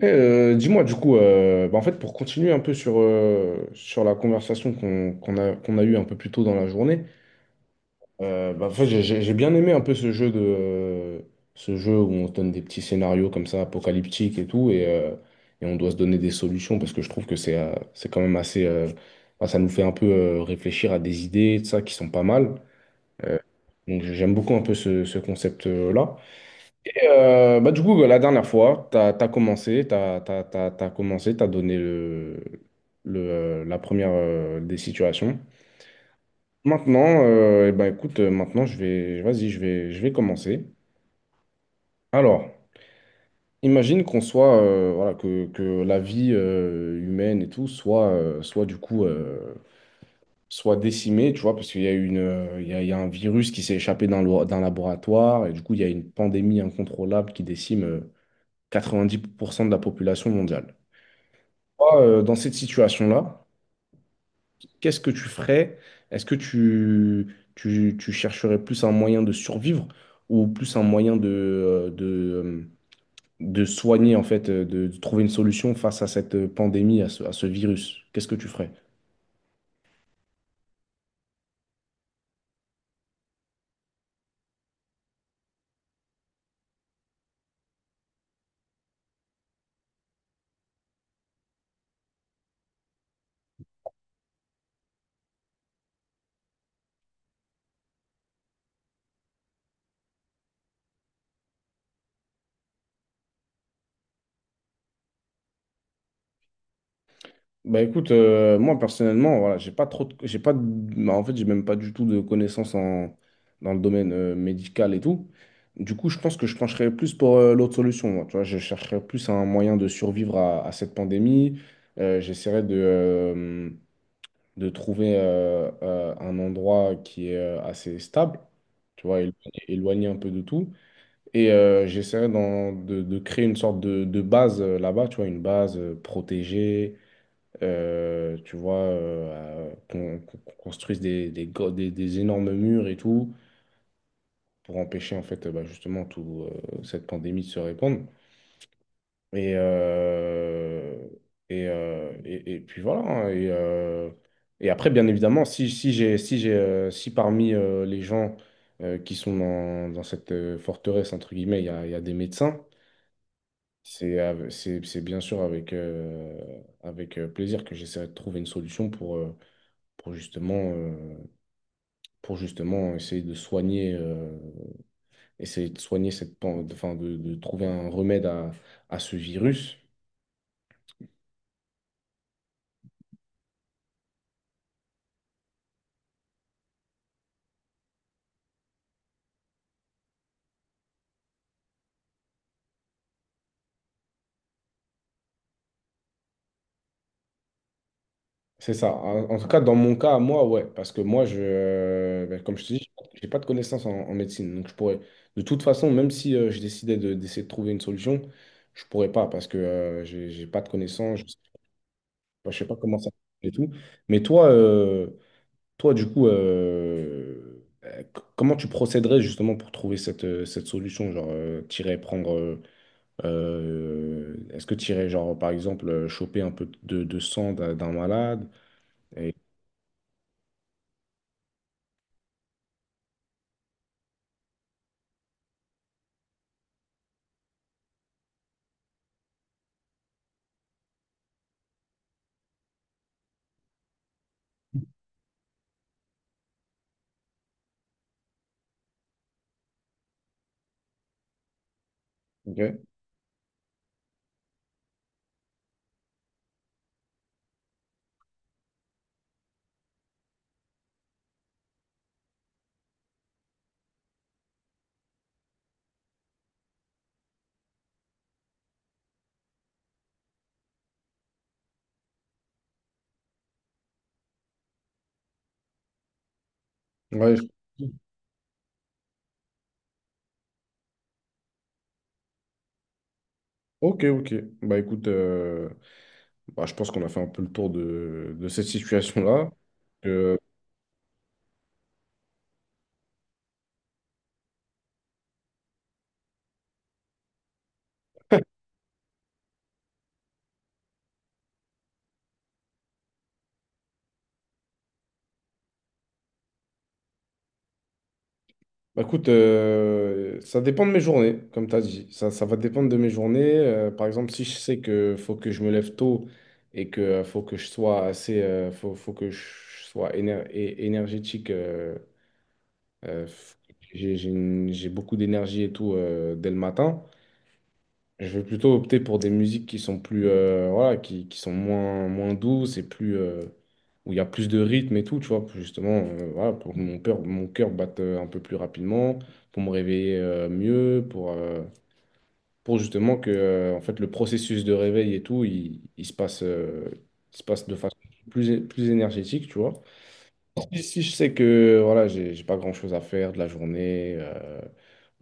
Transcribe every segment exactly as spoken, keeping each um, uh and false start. Et, euh, dis-moi du coup, euh, bah, en fait, pour continuer un peu sur, euh, sur la conversation qu'on qu'on a, qu'on a eue un peu plus tôt dans la journée, euh, bah, en fait, j'ai j'ai- j'ai bien aimé un peu ce jeu de, euh, ce jeu où on se donne des petits scénarios comme ça, apocalyptiques et tout, et, euh, et on doit se donner des solutions parce que je trouve que c'est euh, c'est quand même assez. euh, Bah, ça nous fait un peu euh, réfléchir à des idées, de ça, qui sont pas mal. Euh, donc j'aime beaucoup un peu ce, ce concept-là. Euh, bah, du coup, la dernière fois, tu as, commencé, tu as, commencé, tu donné le, le, euh, la première euh, des situations. Maintenant, euh, eh ben, écoute, euh, maintenant, je vais, vas-y, je vais, je vais commencer. Alors, imagine qu'on soit, euh, voilà, que, que la vie euh, humaine et tout soit, euh, soit du coup, euh, soit décimée, tu vois, parce qu'il y a une, euh, il y a, il y a un virus qui s'est échappé d'un lo- d'un laboratoire et du coup, il y a une pandémie incontrôlable qui décime euh, quatre-vingt-dix pour cent de la population mondiale. Toi, euh, dans cette situation-là, qu'est-ce que tu ferais? Est-ce que tu, tu, tu chercherais plus un moyen de survivre ou plus un moyen de, euh, de, euh, de soigner, en fait, euh, de, de trouver une solution face à cette euh, pandémie, à ce, à ce virus? Qu'est-ce que tu ferais? Bah écoute, euh, moi personnellement, voilà, j'ai pas trop de- j'ai pas de- bah, en fait, j'ai même pas du tout de connaissances en, dans le domaine euh, médical et tout. Du coup, je pense que je pencherais plus pour euh, l'autre solution. Moi, tu vois, je chercherais plus un moyen de survivre à, à cette pandémie. Euh, j'essaierais de, euh, de trouver euh, euh, un endroit qui est euh, assez stable, tu vois, élo- éloigné un peu de tout. Et euh, j'essaierais d'en- de, de créer une sorte de, de base euh, là-bas, tu vois, une base euh, protégée euh, tu vois, euh, à- qu'on qu'on- qu'on construise des, des, gros- des- des énormes murs et tout, pour empêcher en fait euh, bah, justement tout, euh, cette pandémie de se répandre. Et, euh, et, euh, et, et puis voilà. Hein, Et, euh, et après, bien évidemment, si, si j'ai, si j'ai, euh, si parmi euh, les gens euh, qui sont dans, dans cette euh, forteresse, entre guillemets, il y a, il y a des médecins, c'est, av- c'est, c'est bien sûr avec, euh, avec euh, plaisir que j'essaierai de trouver une solution pour, euh, pour justement, euh, pour justement essayer de soigner, euh, essayer de soigner cette, pan- de, enfin, de, de trouver un remède à, à ce virus. C'est ça. En, en tout cas, dans mon cas, moi, ouais, parce que moi, je, euh, ben, comme je te dis, j'ai pas de connaissances en, en médecine, donc je pourrais, de toute façon, même si euh, je décidais de, d'essayer de trouver une solution, je pourrais pas parce que euh, j'ai j'ai pas de connaissances, je sais pas, je sais pas comment ça et tout. Mais toi, euh, Toi, du coup, euh, euh, c- comment tu procéderais justement pour trouver cette, euh, cette solution? Genre, euh, t'irais prendre. euh, euh, Est-ce que t'irais, genre, par exemple, euh, choper un peu de, de sang d'un d'un malade? Et... Ok. Ouais, je- ok, ok. Bah écoute, euh, bah, je pense qu'on a fait un peu le tour de, de cette situation-là. Bah, écoute, euh, ça dépend de mes journées, comme tu as dit. Ça, ça va dépendre de mes journées. Euh, par exemple, si je sais que faut que je me lève tôt et que euh, faut que je sois assez, euh, faut, faut que je sois éner- é- énergétique, euh, euh, f- j'ai j'ai une- j'ai beaucoup d'énergie et tout euh, dès le matin. Je vais plutôt opter pour des musiques qui sont plus, euh, voilà, qui, qui sont moins, moins douces et plus, euh, où il y a plus de rythme et tout, tu vois, pour justement, euh, voilà, pour que mon cœur, mon cœur batte euh, un peu plus rapidement, pour me réveiller euh, mieux, pour, euh, pour justement que, euh, en fait, le processus de réveil et tout, il, il se passe, euh, il se passe de façon plus, plus énergétique, tu vois. Si, si je sais que, voilà, j'ai j'ai pas grand-chose à faire de la journée, euh,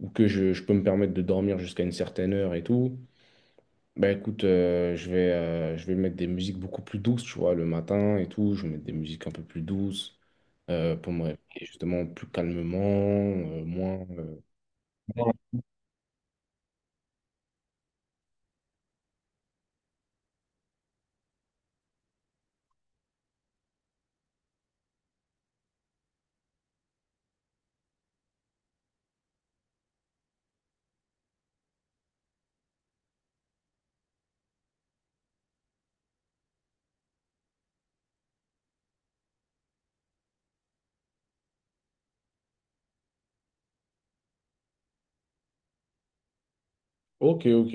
ou que je, je peux me permettre de dormir jusqu'à une certaine heure et tout. Bah écoute, euh, je vais, euh, je vais mettre des musiques beaucoup plus douces, tu vois, le matin et tout. Je vais mettre des musiques un peu plus douces euh, pour me réveiller justement plus calmement, euh, moins. euh. Ok, ok.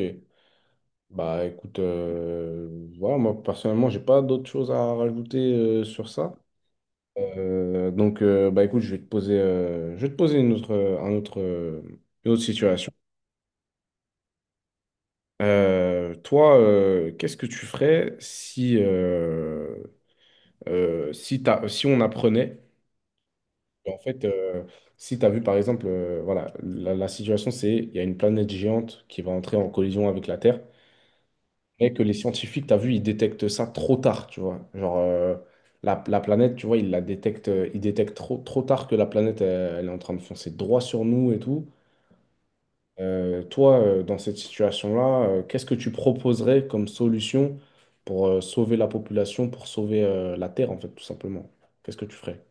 Bah écoute, euh, voilà, moi personnellement, j'ai pas d'autres choses à rajouter euh, sur ça. Euh, donc euh, bah écoute, je vais te poser, euh, je vais te poser une autre, un autre, euh, une autre situation. Euh, toi, euh, qu'est-ce que tu ferais si, euh, euh, si t'as- si on apprenait en fait, euh, si tu as vu par exemple, euh, voilà, la, la situation c'est il y a une planète géante qui va entrer en collision avec la Terre, mais que les scientifiques, tu as vu, ils détectent ça trop tard, tu vois. Genre, euh, la, la planète, tu vois, ils la détectent, euh, ils détectent trop, trop tard que la planète, elle, elle est en train de foncer droit sur nous et tout. Euh, toi, euh, dans cette situation-là, euh, qu'est-ce que tu proposerais comme solution pour euh, sauver la population, pour sauver euh, la Terre, en fait, tout simplement? Qu'est-ce que tu ferais?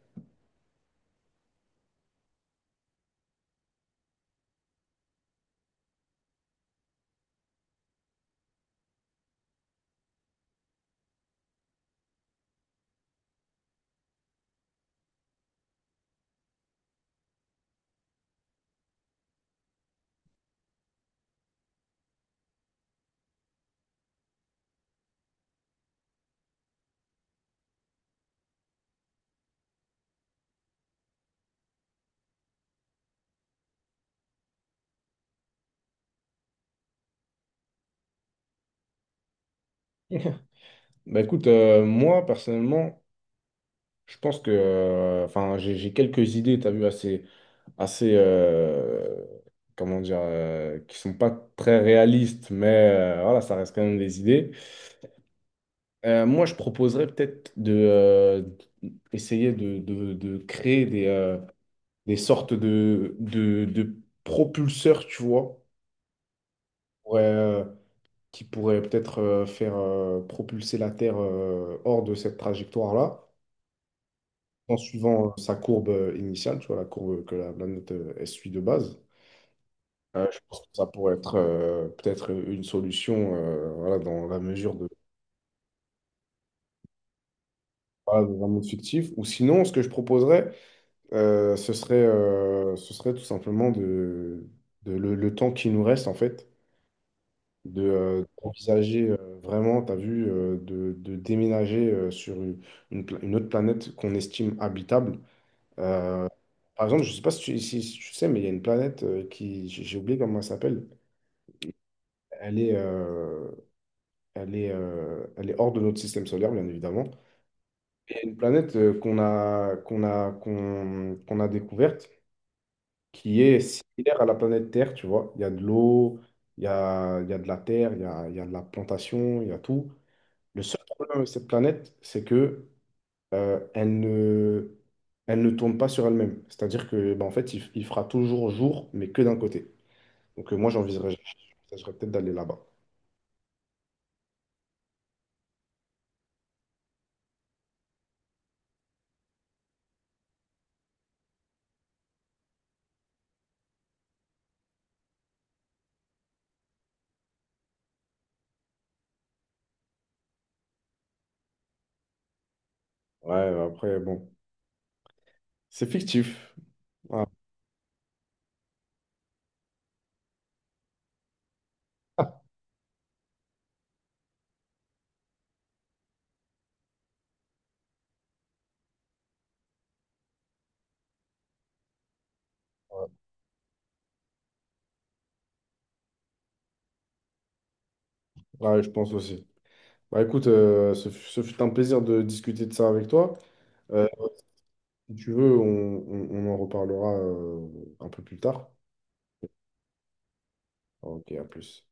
Bah écoute, euh, moi personnellement, je pense que, euh, enfin, j'ai j'ai quelques idées, tu as vu, assez, assez euh, comment dire, euh, qui sont pas très réalistes, mais euh, voilà, ça reste quand même des idées. Euh, moi, je proposerais peut-être de euh, essayer de, de- de créer des, euh, des sortes de, de, de propulseurs, tu vois, pour, euh, qui pourraient peut-être euh, faire euh, propulser la Terre euh, hors de cette trajectoire-là, en suivant euh, sa courbe euh, initiale, tu vois, la courbe que la planète euh, elle suit de base. Euh, je pense que ça pourrait être euh, peut-être une solution euh, voilà, dans la mesure de, voilà, dans un monde fictif. Ou sinon, ce que je proposerais, euh, ce serait, euh, ce serait tout simplement de, de le, le temps qui nous reste, en fait, de, euh, d'envisager euh, vraiment, tu as vu, euh, de, de déménager euh, sur une, une pla- une autre planète qu'on estime habitable. euh, Par exemple, je ne sais pas si tu, si- si tu sais, mais il y a une planète euh, qui, j'ai j'ai oublié comment elle s'appelle. Elle est, euh, elle est, euh, elle est hors de notre système solaire, bien évidemment. Et une planète euh, qu'on a, qu'on a, qu'on, qu'on a découverte qui est similaire à la planète Terre, tu vois. Il y a de l'eau, il y a, il y a de la terre, il y a, il y a de la plantation, il y a tout. Le seul problème avec cette planète, c'est que euh, elle ne, elle ne tourne pas sur elle-même. C'est-à-dire que, bah, en fait, il, il fera toujours jour, mais que d'un côté. Donc euh, moi, j'envisagerais j'envisagerais peut-être d'aller là-bas. Ouais, bah, après, bon, c'est fictif. Ouais, ouais, je pense aussi. Bah écoute, euh, ce, fut ce fut un plaisir de discuter de ça avec toi. Euh, Si tu veux, on, on- on en reparlera euh, un peu plus tard. Ok, à plus.